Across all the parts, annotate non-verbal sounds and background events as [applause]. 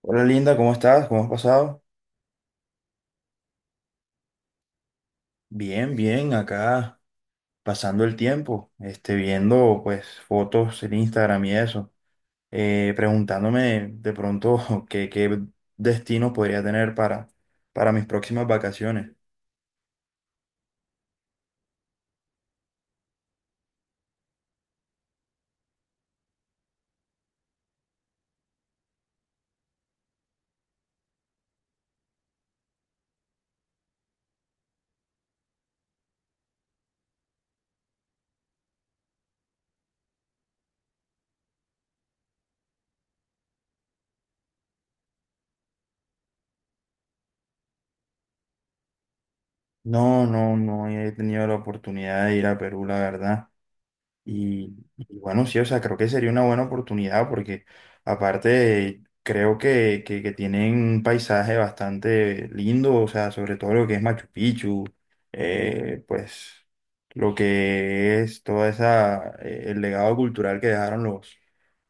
Hola Linda, ¿cómo estás? ¿Cómo has pasado? Bien, bien, acá pasando el tiempo, viendo pues fotos en Instagram y eso. Preguntándome de pronto [laughs] qué destino podría tener para mis próximas vacaciones. No, no he tenido la oportunidad de ir a Perú, la verdad. Y bueno, sí, o sea, creo que sería una buena oportunidad porque aparte creo que tienen un paisaje bastante lindo, o sea, sobre todo lo que es Machu Picchu, pues lo que es toda esa, el legado cultural que dejaron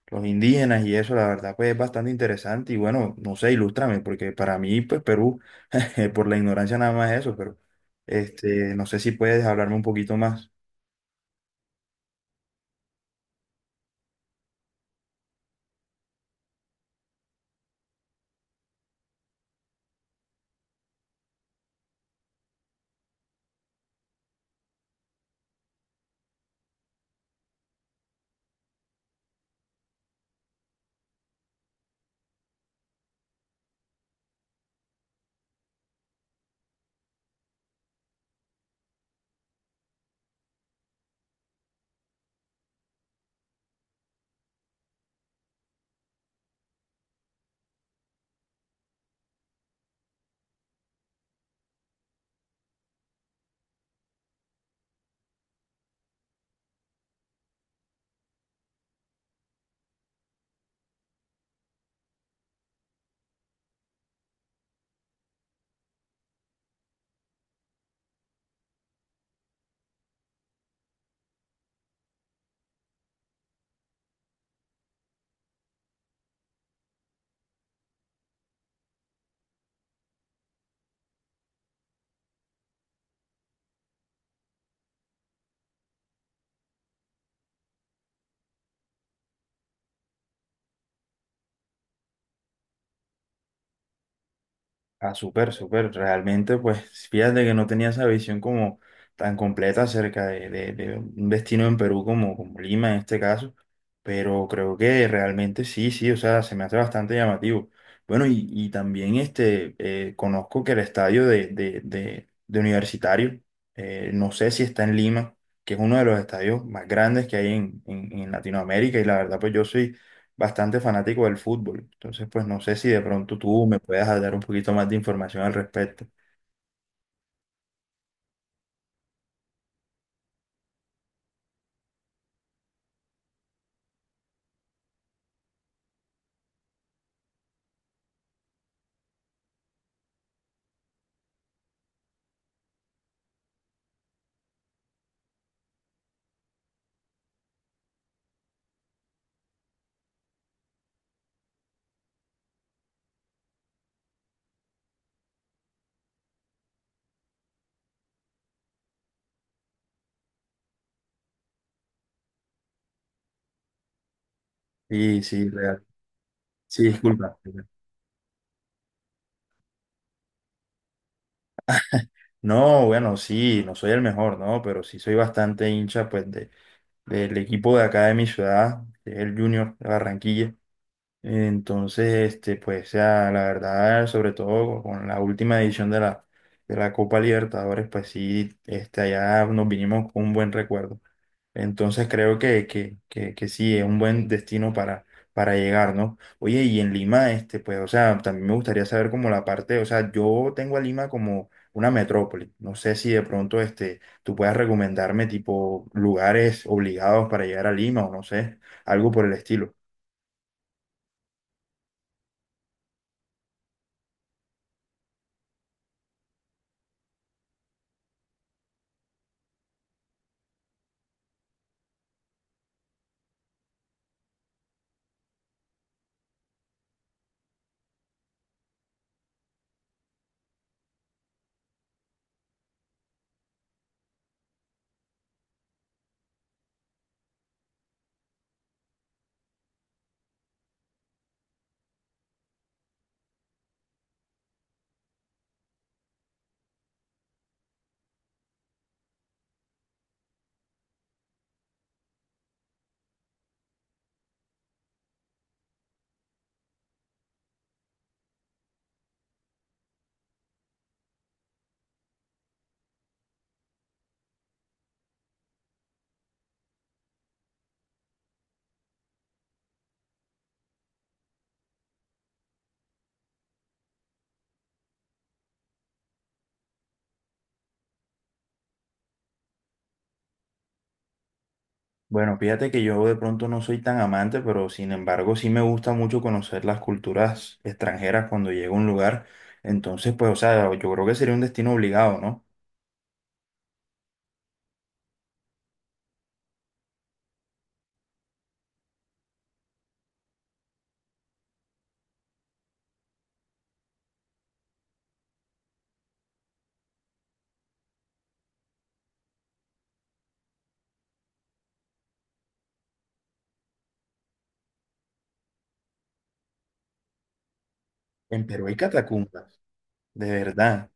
los indígenas y eso, la verdad, pues es bastante interesante y bueno, no sé, ilústrame, porque para mí, pues Perú, [laughs] por la ignorancia nada más es eso, pero no sé si puedes hablarme un poquito más. Ah, súper, súper. Realmente, pues, fíjate que no tenía esa visión como tan completa acerca de un destino en Perú como, como Lima en este caso, pero creo que realmente sí, sí, o sea, se me hace bastante llamativo. Bueno, y también conozco que el estadio de Universitario, no sé si está en Lima, que es uno de los estadios más grandes que hay en, en Latinoamérica, y la verdad, pues yo soy bastante fanático del fútbol. Entonces, pues no sé si de pronto tú me puedas dar un poquito más de información al respecto. Sí, sí, real. Sí, disculpa. No, bueno, sí, no soy el mejor, ¿no? Pero sí soy bastante hincha, pues, de, del equipo de acá de mi ciudad, que es el Junior de Barranquilla. Entonces, pues ya, la verdad, sobre todo con la última edición de la Copa Libertadores, pues sí, allá nos vinimos con un buen recuerdo. Entonces creo que sí, es un buen destino para llegar, ¿no? Oye, y en Lima, pues, o sea, también me gustaría saber como la parte, o sea, yo tengo a Lima como una metrópoli. No sé si de pronto, tú puedas recomendarme tipo lugares obligados para llegar a Lima o no sé, algo por el estilo. Bueno, fíjate que yo de pronto no soy tan amante, pero sin embargo sí me gusta mucho conocer las culturas extranjeras cuando llego a un lugar. Entonces, pues, o sea, yo creo que sería un destino obligado, ¿no? ¿En Perú hay catacumbas, de verdad?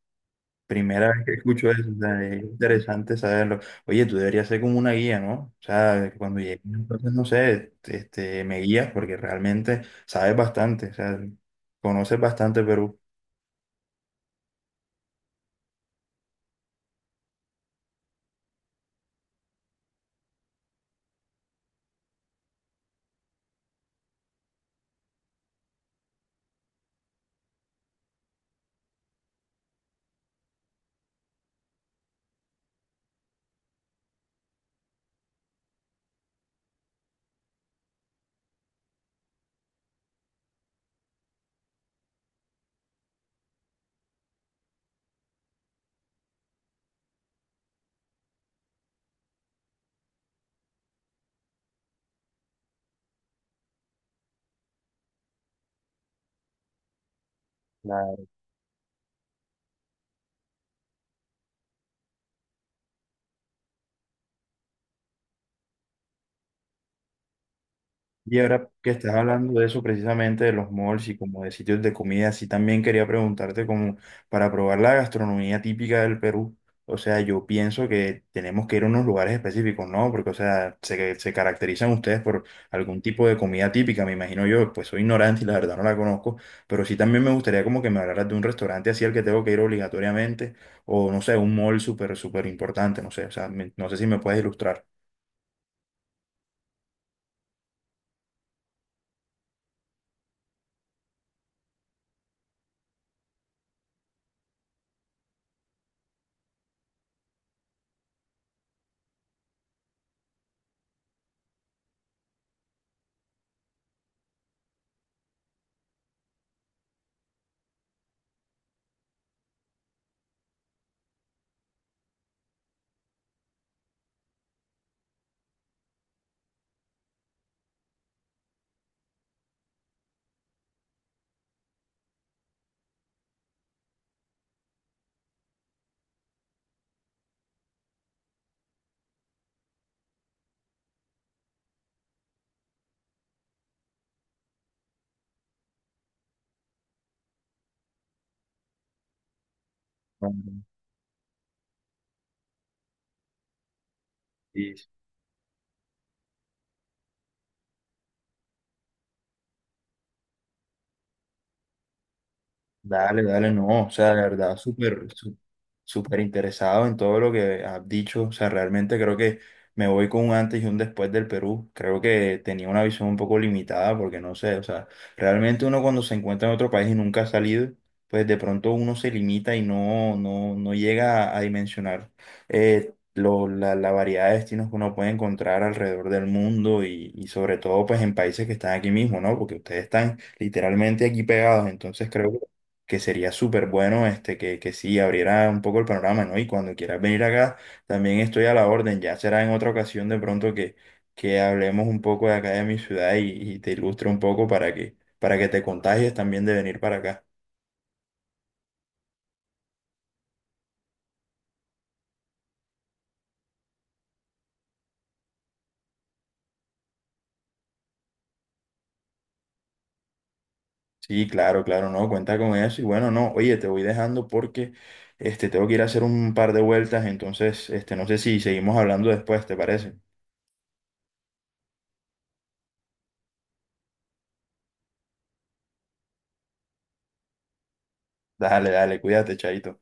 Primera vez que escucho eso, o sea, es interesante saberlo. Oye, tú deberías ser como una guía, ¿no? O sea, cuando llegues, entonces, no sé, me guías porque realmente sabes bastante, o sea, conoces bastante Perú. Y ahora que estás hablando de eso precisamente, de los malls y como de sitios de comida, sí también quería preguntarte como para probar la gastronomía típica del Perú. O sea, yo pienso que tenemos que ir a unos lugares específicos, ¿no? Porque, o sea, se caracterizan ustedes por algún tipo de comida típica, me imagino yo, pues soy ignorante y la verdad no la conozco, pero sí también me gustaría como que me hablaras de un restaurante así al que tengo que ir obligatoriamente, o no sé, un mall súper, súper importante, no sé, o sea, no sé si me puedes ilustrar. Ujú. Dale, dale, no, o sea, la verdad, súper, súper interesado en todo lo que has dicho, o sea, realmente creo que me voy con un antes y un después del Perú, creo que tenía una visión un poco limitada, porque no sé, o sea, realmente uno cuando se encuentra en otro país y nunca ha salido, pues de pronto uno se limita y no llega a dimensionar la variedad de destinos que uno puede encontrar alrededor del mundo y sobre todo pues en países que están aquí mismo, ¿no? Porque ustedes están literalmente aquí pegados. Entonces creo que sería súper bueno que sí abriera un poco el panorama, ¿no? Y cuando quieras venir acá, también estoy a la orden. Ya será en otra ocasión de pronto que hablemos un poco de acá de mi ciudad y te ilustre un poco para que te contagies también de venir para acá. Sí, claro, claro, no, cuenta con eso. Y bueno, no, oye, te voy dejando porque tengo que ir a hacer un par de vueltas, entonces no sé si seguimos hablando después, ¿te parece? Dale, dale, cuídate, chaito.